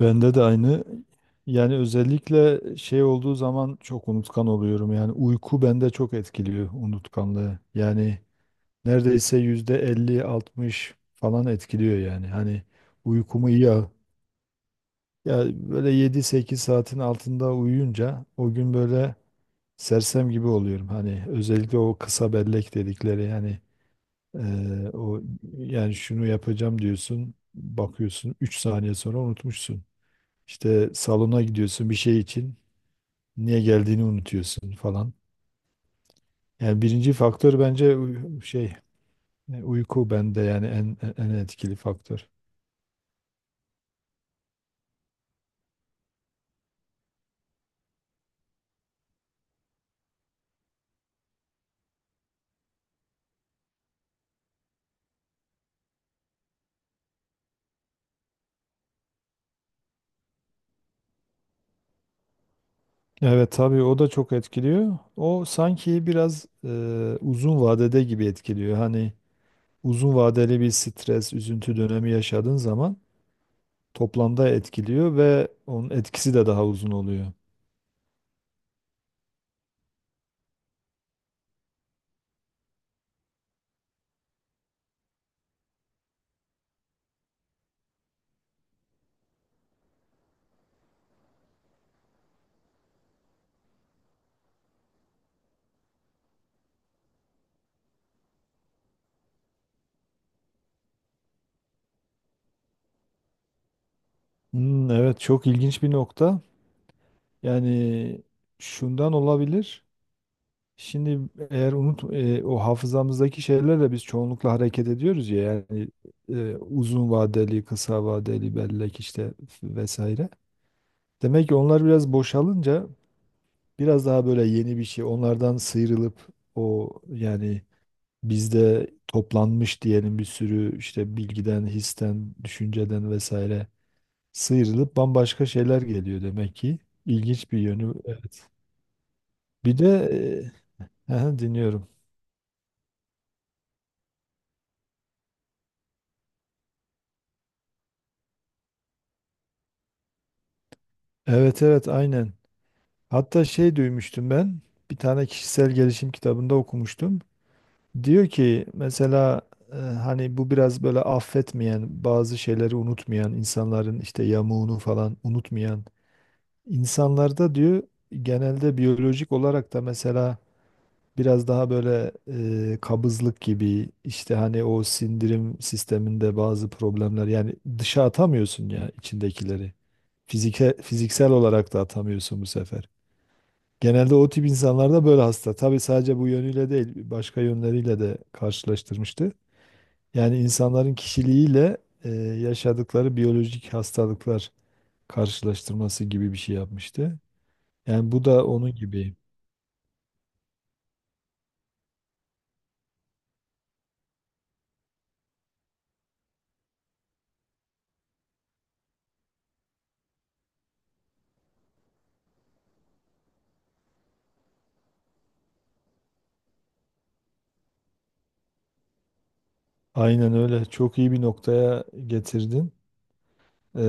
Bende de aynı. Yani özellikle şey olduğu zaman çok unutkan oluyorum. Yani uyku bende çok etkiliyor unutkanlığı. Yani neredeyse %50-60 falan etkiliyor yani. Hani uykumu iyi al. Ya böyle 7-8 saatin altında uyuyunca o gün böyle sersem gibi oluyorum. Hani özellikle o kısa bellek dedikleri yani o yani şunu yapacağım diyorsun bakıyorsun 3 saniye sonra unutmuşsun. İşte salona gidiyorsun bir şey için. Niye geldiğini unutuyorsun falan. Yani birinci faktör bence uyku bende yani en etkili faktör. Evet tabii o da çok etkiliyor. O sanki biraz uzun vadede gibi etkiliyor. Hani uzun vadeli bir stres, üzüntü dönemi yaşadığın zaman toplamda etkiliyor ve onun etkisi de daha uzun oluyor. Hmm, evet çok ilginç bir nokta. Yani şundan olabilir. Şimdi eğer o hafızamızdaki şeylerle biz çoğunlukla hareket ediyoruz ya yani uzun vadeli, kısa vadeli bellek işte vesaire. Demek ki onlar biraz boşalınca biraz daha böyle yeni bir şey onlardan sıyrılıp o yani bizde toplanmış diyelim bir sürü işte bilgiden, histen, düşünceden vesaire sıyrılıp bambaşka şeyler geliyor demek ki. İlginç bir yönü evet. Bir de aha, dinliyorum. Evet evet aynen. Hatta şey duymuştum ben. Bir tane kişisel gelişim kitabında okumuştum. Diyor ki mesela hani bu biraz böyle affetmeyen, bazı şeyleri unutmayan insanların işte yamuğunu falan unutmayan insanlarda diyor genelde biyolojik olarak da mesela biraz daha böyle kabızlık gibi işte hani o sindirim sisteminde bazı problemler yani dışa atamıyorsun ya içindekileri. Fiziksel olarak da atamıyorsun bu sefer. Genelde o tip insanlarda böyle hasta. Tabii sadece bu yönüyle değil, başka yönleriyle de karşılaştırmıştı. Yani insanların kişiliğiyle yaşadıkları biyolojik hastalıklar karşılaştırması gibi bir şey yapmıştı. Yani bu da onun gibi. Aynen öyle. Çok iyi bir noktaya getirdin. E,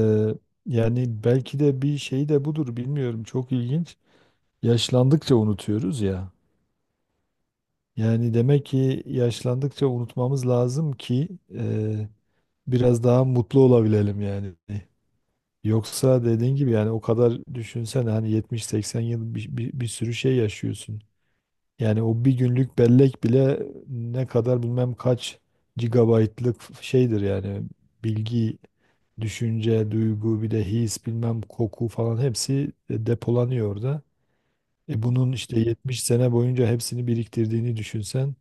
yani belki de bir şey de budur, bilmiyorum. Çok ilginç. Yaşlandıkça unutuyoruz ya. Yani demek ki yaşlandıkça unutmamız lazım ki e, biraz daha mutlu olabilelim yani. Yoksa dediğin gibi yani o kadar düşünsene hani 70-80 yıl bir sürü şey yaşıyorsun. Yani o bir günlük bellek bile ne kadar bilmem kaç gigabaytlık şeydir yani bilgi, düşünce, duygu bir de his bilmem koku falan hepsi depolanıyor orada. Bunun işte 70 sene boyunca hepsini biriktirdiğini düşünsen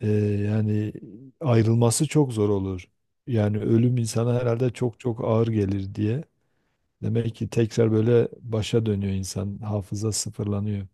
ee, yani ayrılması çok zor olur. Yani ölüm insana herhalde çok çok ağır gelir diye. Demek ki tekrar böyle başa dönüyor insan. Hafıza sıfırlanıyor.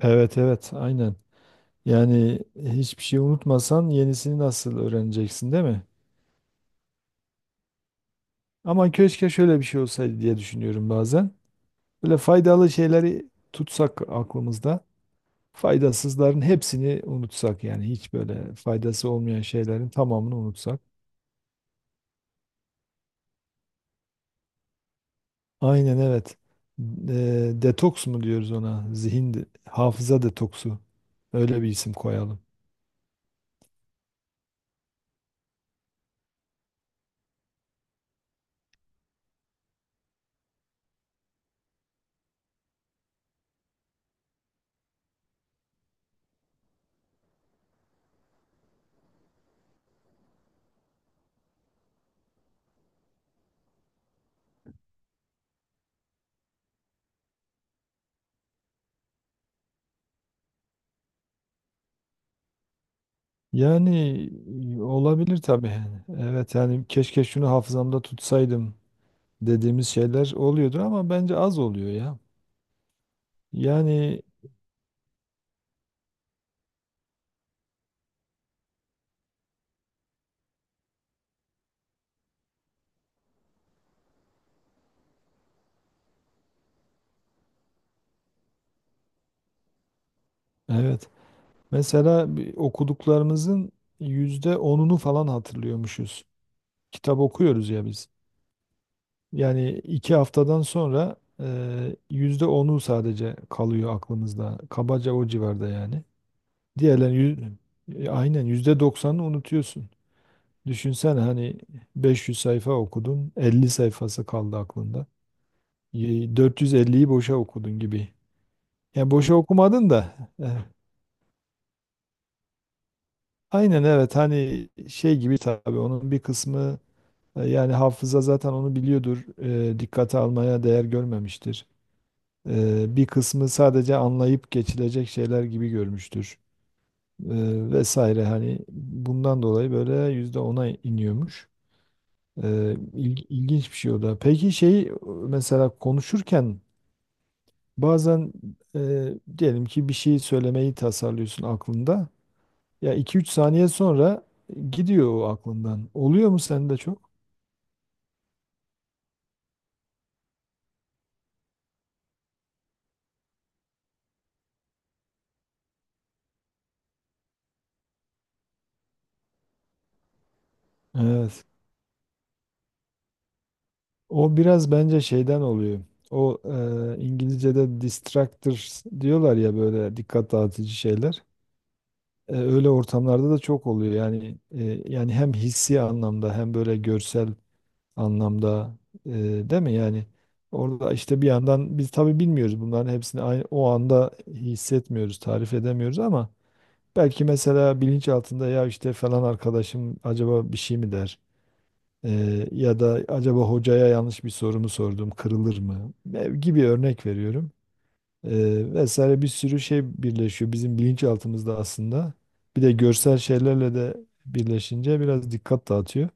Evet evet aynen. Yani hiçbir şey unutmasan yenisini nasıl öğreneceksin değil mi? Ama keşke şöyle bir şey olsaydı diye düşünüyorum bazen. Böyle faydalı şeyleri tutsak aklımızda. Faydasızların hepsini unutsak yani hiç böyle faydası olmayan şeylerin tamamını unutsak. Aynen evet. Detoks mu diyoruz ona? Hafıza detoksu. Öyle bir isim koyalım. Yani olabilir tabii. Evet yani keşke şunu hafızamda tutsaydım dediğimiz şeyler oluyordur ama bence az oluyor ya. Yani evet. Mesela bir okuduklarımızın %10'unu falan hatırlıyormuşuz. Kitap okuyoruz ya biz. Yani 2 haftadan sonra %10'u sadece kalıyor aklımızda. Kabaca o civarda yani. Diğerlerini aynen %90'ını unutuyorsun. Düşünsene hani 500 sayfa okudun, 50 sayfası kaldı aklında. 450'yi boşa okudun gibi. Yani boşa okumadın da. eh, Aynen evet hani şey gibi tabii onun bir kısmı yani hafıza zaten onu biliyordur. Dikkate almaya değer görmemiştir. Bir kısmı sadece anlayıp geçilecek şeyler gibi görmüştür, vesaire hani bundan dolayı böyle %10'a iniyormuş. İl- ilginç bir şey o da. Peki şey mesela konuşurken bazen diyelim ki bir şey söylemeyi tasarlıyorsun aklında. Ya 2-3 saniye sonra gidiyor o aklından. Oluyor mu sende çok? Evet. O biraz bence şeyden oluyor. O İngilizce'de distractors diyorlar ya böyle dikkat dağıtıcı şeyler. Öyle ortamlarda da çok oluyor. Yani yani hem hissi anlamda hem böyle görsel anlamda e, değil mi? Yani orada işte bir yandan biz tabii bilmiyoruz bunların hepsini aynı, o anda hissetmiyoruz, tarif edemiyoruz ama belki mesela bilinç altında ya işte falan arkadaşım acaba bir şey mi der? Ya da acaba hocaya yanlış bir sorumu mu sordum, kırılır mı? Ev gibi örnek veriyorum. Vesaire bir sürü şey birleşiyor bizim bilinçaltımızda aslında. Bir de görsel şeylerle de birleşince biraz dikkat dağıtıyor.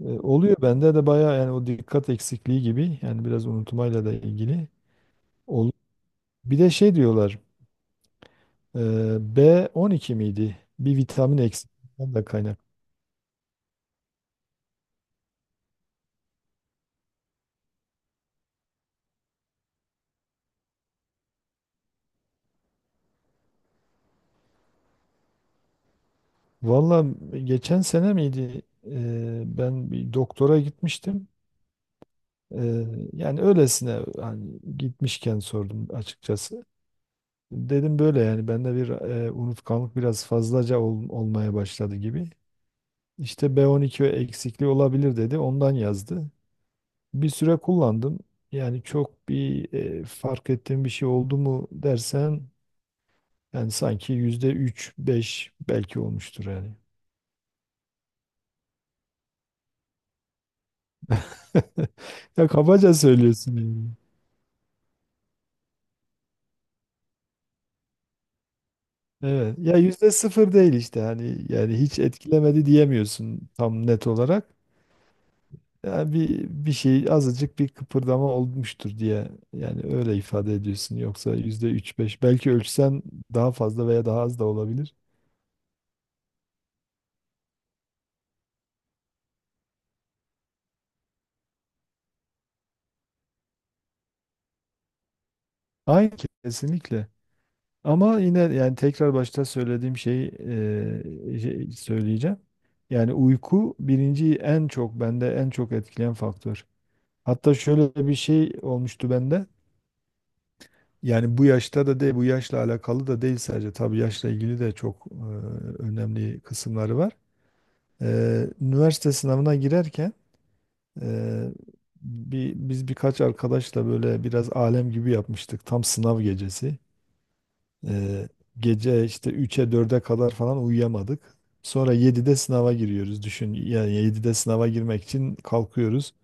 Oluyor bende de bayağı yani o dikkat eksikliği gibi yani biraz unutmayla da ilgili. Ol- Bir de şey diyorlar e, B12 miydi? Bir vitamin eksikliğinden de kaynak. Valla geçen sene miydi? Ben bir doktora gitmiştim. Ee, yani öylesine hani gitmişken sordum açıkçası. Dedim böyle yani bende bir unutkanlık biraz fazlaca olmaya başladı gibi. İşte B12 eksikliği olabilir dedi. Ondan yazdı. Bir süre kullandım. Yani çok bir fark ettiğim bir şey oldu mu dersen yani sanki %3-5 belki olmuştur yani. Ya kabaca söylüyorsun yani. Evet. Ya %0 değil işte hani yani hiç etkilemedi diyemiyorsun tam net olarak. Yani bir şey azıcık bir kıpırdama olmuştur diye yani öyle ifade ediyorsun. Yoksa %3-5 belki ölçsen daha fazla veya daha az da olabilir. Aynı kesinlikle. Ama yine yani tekrar başta söylediğim şeyi şey söyleyeceğim. Yani uyku birinci en çok bende en çok etkileyen faktör. Hatta şöyle bir şey olmuştu bende. Yani bu yaşta da değil, bu yaşla alakalı da değil sadece. Tabii yaşla ilgili de çok önemli kısımları var. Üniversite sınavına girerken e, biz birkaç arkadaşla böyle biraz alem gibi yapmıştık. Tam sınav gecesi. E, gece işte 3-4'e kadar falan uyuyamadık. Sonra 7'de sınava giriyoruz. Düşün yani 7'de sınava girmek için kalkıyoruz.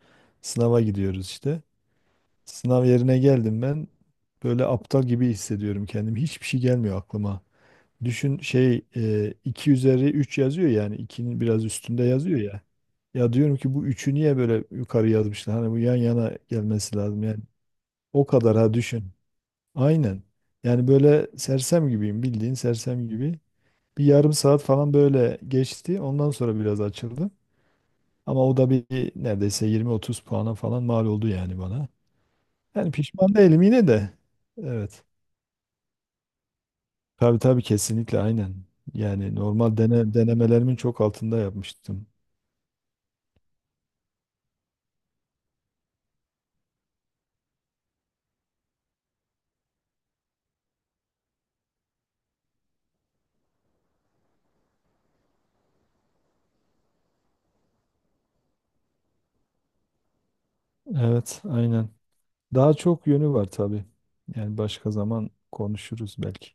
Sınava gidiyoruz işte. Sınav yerine geldim ben. Böyle aptal gibi hissediyorum kendimi. Hiçbir şey gelmiyor aklıma. Düşün şey 2³ yazıyor yani 2'nin biraz üstünde yazıyor ya. Ya diyorum ki bu 3'ü niye böyle yukarı yazmışlar? Hani bu yan yana gelmesi lazım yani. O kadar ha düşün. Aynen. Yani böyle sersem gibiyim bildiğin sersem gibi. Bir yarım saat falan böyle geçti. Ondan sonra biraz açıldı. Ama o da bir neredeyse 20-30 puana falan mal oldu yani bana. Yani pişman değilim yine de. Evet. Tabii tabii kesinlikle aynen. Yani normal denemelerimin çok altında yapmıştım. Evet aynen. Daha çok yönü var tabii. Yani başka zaman konuşuruz belki.